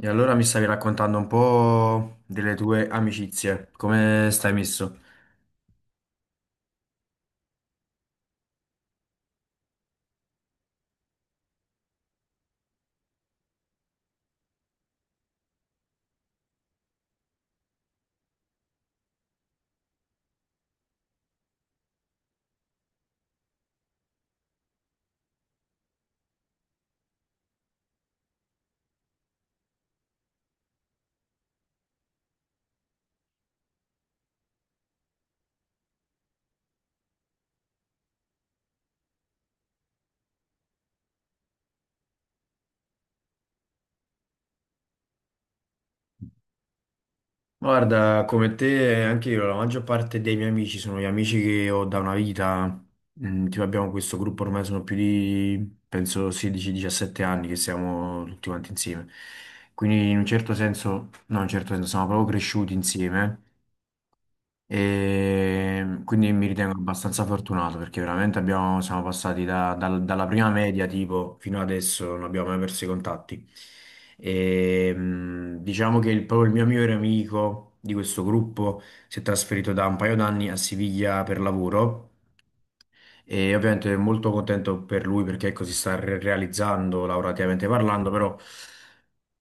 E allora mi stavi raccontando un po' delle tue amicizie, come stai messo? Guarda, come te, anche io, la maggior parte dei miei amici sono gli amici che ho da una vita. Mm, tipo abbiamo questo gruppo ormai sono più di, penso, 16-17 anni che siamo tutti quanti insieme. Quindi in un certo senso, no, in un certo senso, siamo proprio cresciuti insieme. E quindi mi ritengo abbastanza fortunato perché veramente siamo passati dalla prima media tipo fino adesso non abbiamo mai perso i contatti. E, diciamo che proprio il mio migliore amico di questo gruppo si è trasferito da un paio d'anni a Siviglia per lavoro e ovviamente molto contento per lui perché ecco, si sta realizzando lavorativamente parlando, però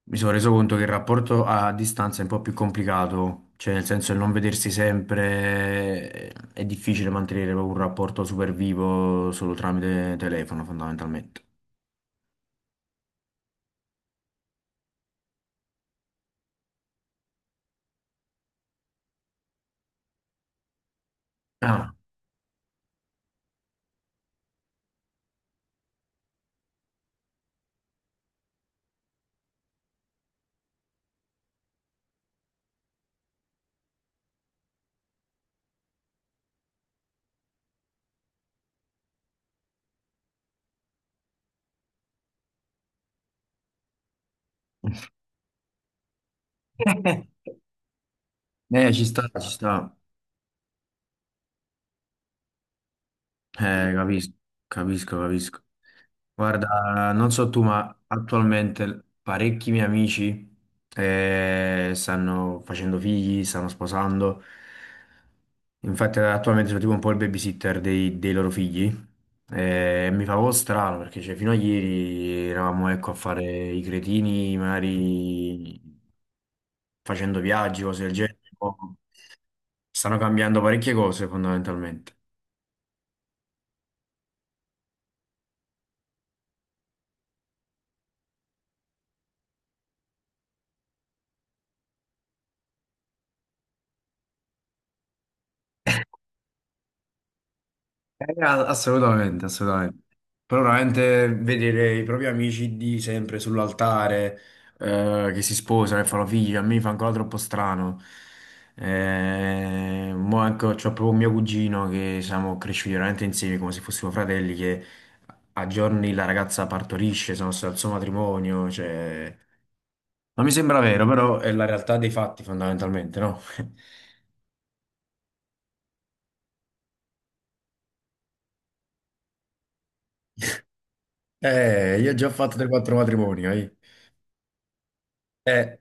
mi sono reso conto che il rapporto a distanza è un po' più complicato, cioè nel senso il non vedersi sempre è difficile mantenere proprio un rapporto super vivo solo tramite telefono fondamentalmente. Ah. Ci sta, ci sta. Capisco, capisco, capisco. Guarda, non so tu, ma attualmente parecchi miei amici stanno facendo figli, stanno sposando. Infatti, attualmente sono tipo un po' il babysitter dei loro figli. Mi fa un po' strano perché cioè, fino a ieri eravamo ecco, a fare i cretini, magari facendo viaggi, cose del genere. Stanno cambiando parecchie cose fondamentalmente. Assolutamente, assolutamente. Però veramente vedere i propri amici di sempre sull'altare, che si sposano e fanno figli, a me fa ancora troppo strano. Mo ecco, c'ho proprio mio cugino che siamo cresciuti veramente insieme come se fossimo fratelli, che a giorni la ragazza partorisce, sono stato al suo matrimonio, cioè... Non mi sembra vero, però è la realtà dei fatti fondamentalmente, no? Io già ho fatto 3-4 matrimoni, eh. Eh,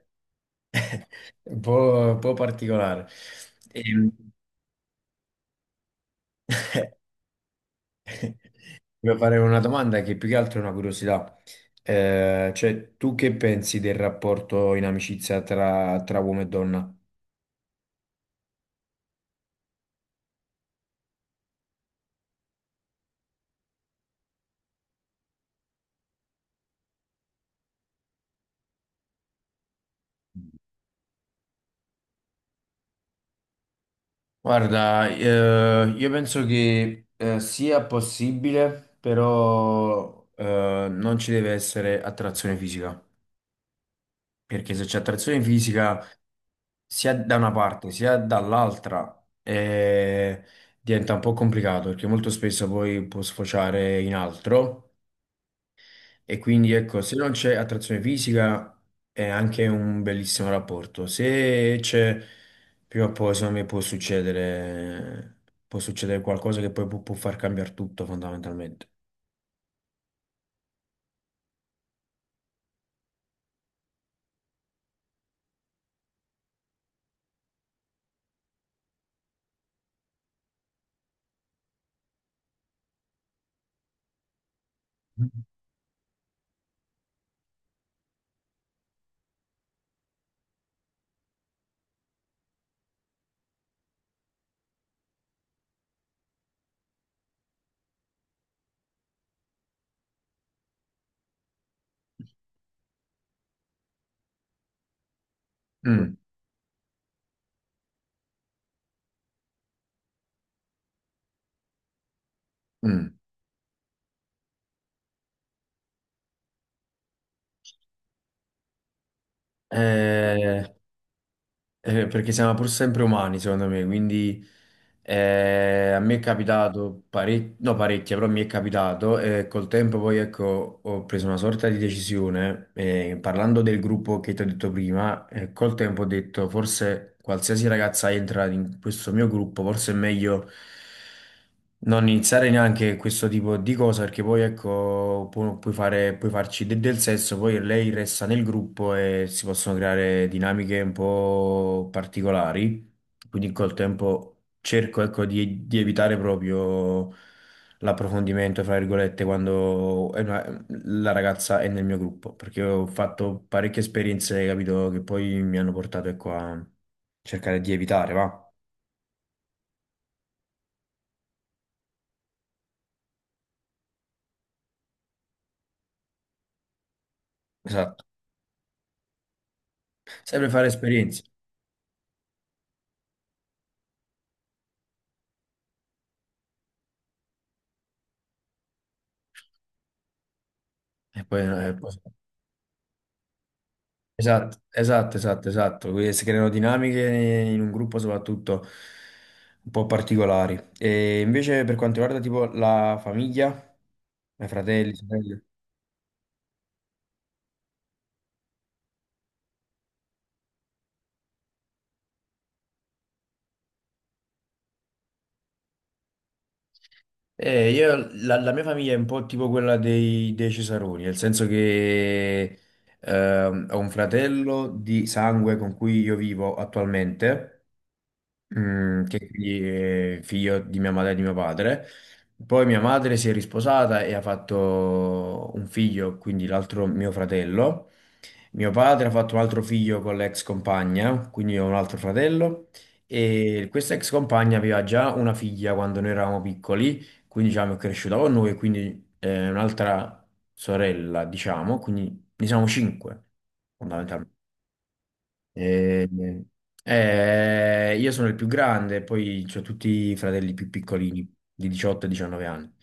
Un po', un po' particolare. Ehm, Volevo fare una domanda che più che altro è una curiosità. Cioè, tu che pensi del rapporto in amicizia tra, tra uomo e donna? Guarda, io penso che sia possibile, però non ci deve essere attrazione fisica, perché se c'è attrazione fisica sia da una parte sia dall'altra eh, diventa un po' complicato perché molto spesso poi può sfociare in altro e quindi ecco, se non c'è attrazione fisica è anche un bellissimo rapporto. Se c'è, prima o poi secondo me può succedere qualcosa che poi può, può far cambiare tutto fondamentalmente. Mm, mm. Eh, perché siamo pur sempre umani, secondo me, quindi... a me è capitato parecchie, no parecchie, però mi è capitato e col tempo poi ecco ho preso una sorta di decisione, parlando del gruppo che ti ho detto prima, col tempo ho detto forse qualsiasi ragazza entra in questo mio gruppo, forse è meglio non iniziare neanche questo tipo di cosa perché poi ecco puoi fare, puoi farci del sesso, poi lei resta nel gruppo e si possono creare dinamiche un po' particolari, quindi col tempo cerco, ecco, di evitare proprio l'approfondimento, fra virgolette, quando la ragazza è nel mio gruppo, perché ho fatto parecchie esperienze, capito, che poi mi hanno portato, ecco, a cercare di evitare, va? Esatto. Sempre fare esperienze. E poi, Esatto, esatto, esatto, esatto. Quindi si creano dinamiche in un gruppo soprattutto un po' particolari. E invece per quanto riguarda tipo la famiglia, i fratelli, sorelle. La mia famiglia è un po' tipo quella dei Cesaroni, nel senso che ho un fratello di sangue con cui io vivo attualmente, mm, che quindi è figlio di mia madre e di mio padre. Poi mia madre si è risposata e ha fatto un figlio, quindi l'altro mio fratello. Mio padre ha fatto un altro figlio con l'ex compagna, quindi ho un altro fratello, e questa ex compagna aveva già una figlia quando noi eravamo piccoli, quindi diciamo è cresciuta con noi, quindi un'altra sorella, diciamo, quindi ne siamo cinque, fondamentalmente. E- io sono il più grande, poi ho tutti i fratelli più piccolini, di 18 e 19 anni.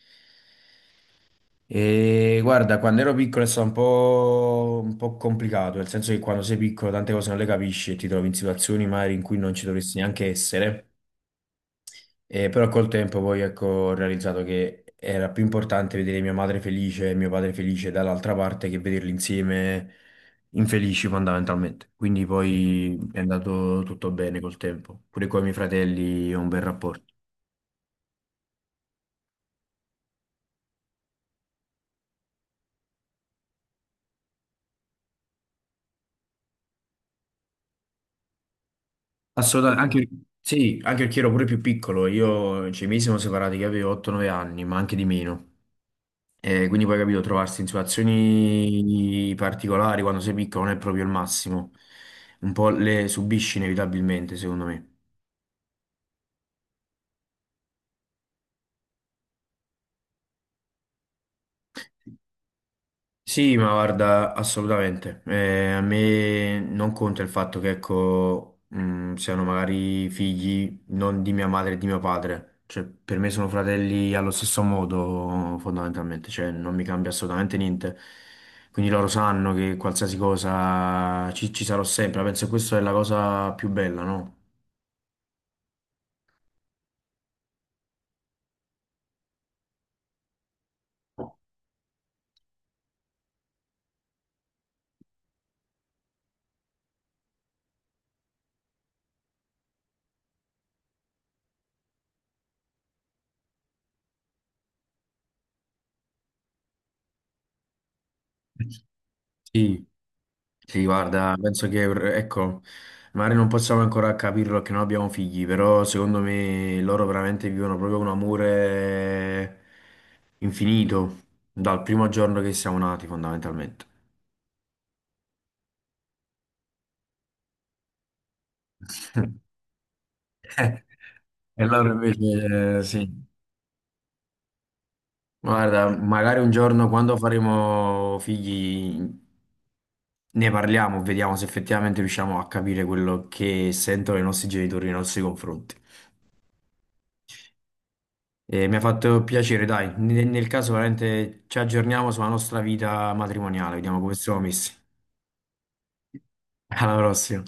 E guarda, quando ero piccolo è stato un po' complicato, nel senso che quando sei piccolo tante cose non le capisci e ti trovi in situazioni magari in cui non ci dovresti neanche essere. Però col tempo poi ecco, ho realizzato che era più importante vedere mia madre felice e mio padre felice dall'altra parte che vederli insieme infelici fondamentalmente. Quindi poi è andato tutto bene col tempo, pure con i miei fratelli ho un bel rapporto. Assolutamente, anche, sì, anche perché ero pure più piccolo, io, cioè, i miei siamo separati che avevo 8-9 anni, ma anche di meno. E quindi poi capito, trovarsi in situazioni particolari quando sei piccolo non è proprio il massimo, un po' le subisci inevitabilmente, secondo me. Sì, ma guarda, assolutamente. A me non conta il fatto che, ecco, siano magari figli non di mia madre e di mio padre. Cioè, per me sono fratelli allo stesso modo, fondamentalmente. Cioè, non mi cambia assolutamente niente. Quindi loro sanno che qualsiasi cosa ci sarò sempre. Penso che questa è la cosa più bella, no? Sì, sì, guarda, penso che, ecco, magari non possiamo ancora capirlo che non abbiamo figli, però secondo me loro veramente vivono proprio un amore infinito dal primo giorno che siamo nati, fondamentalmente. E loro invece, sì, guarda, magari un giorno quando faremo figli ne parliamo, vediamo se effettivamente riusciamo a capire quello che sentono i nostri genitori nei nostri confronti. E mi ha fatto piacere, dai. Nel caso veramente ci aggiorniamo sulla nostra vita matrimoniale, vediamo come siamo messi. Alla prossima.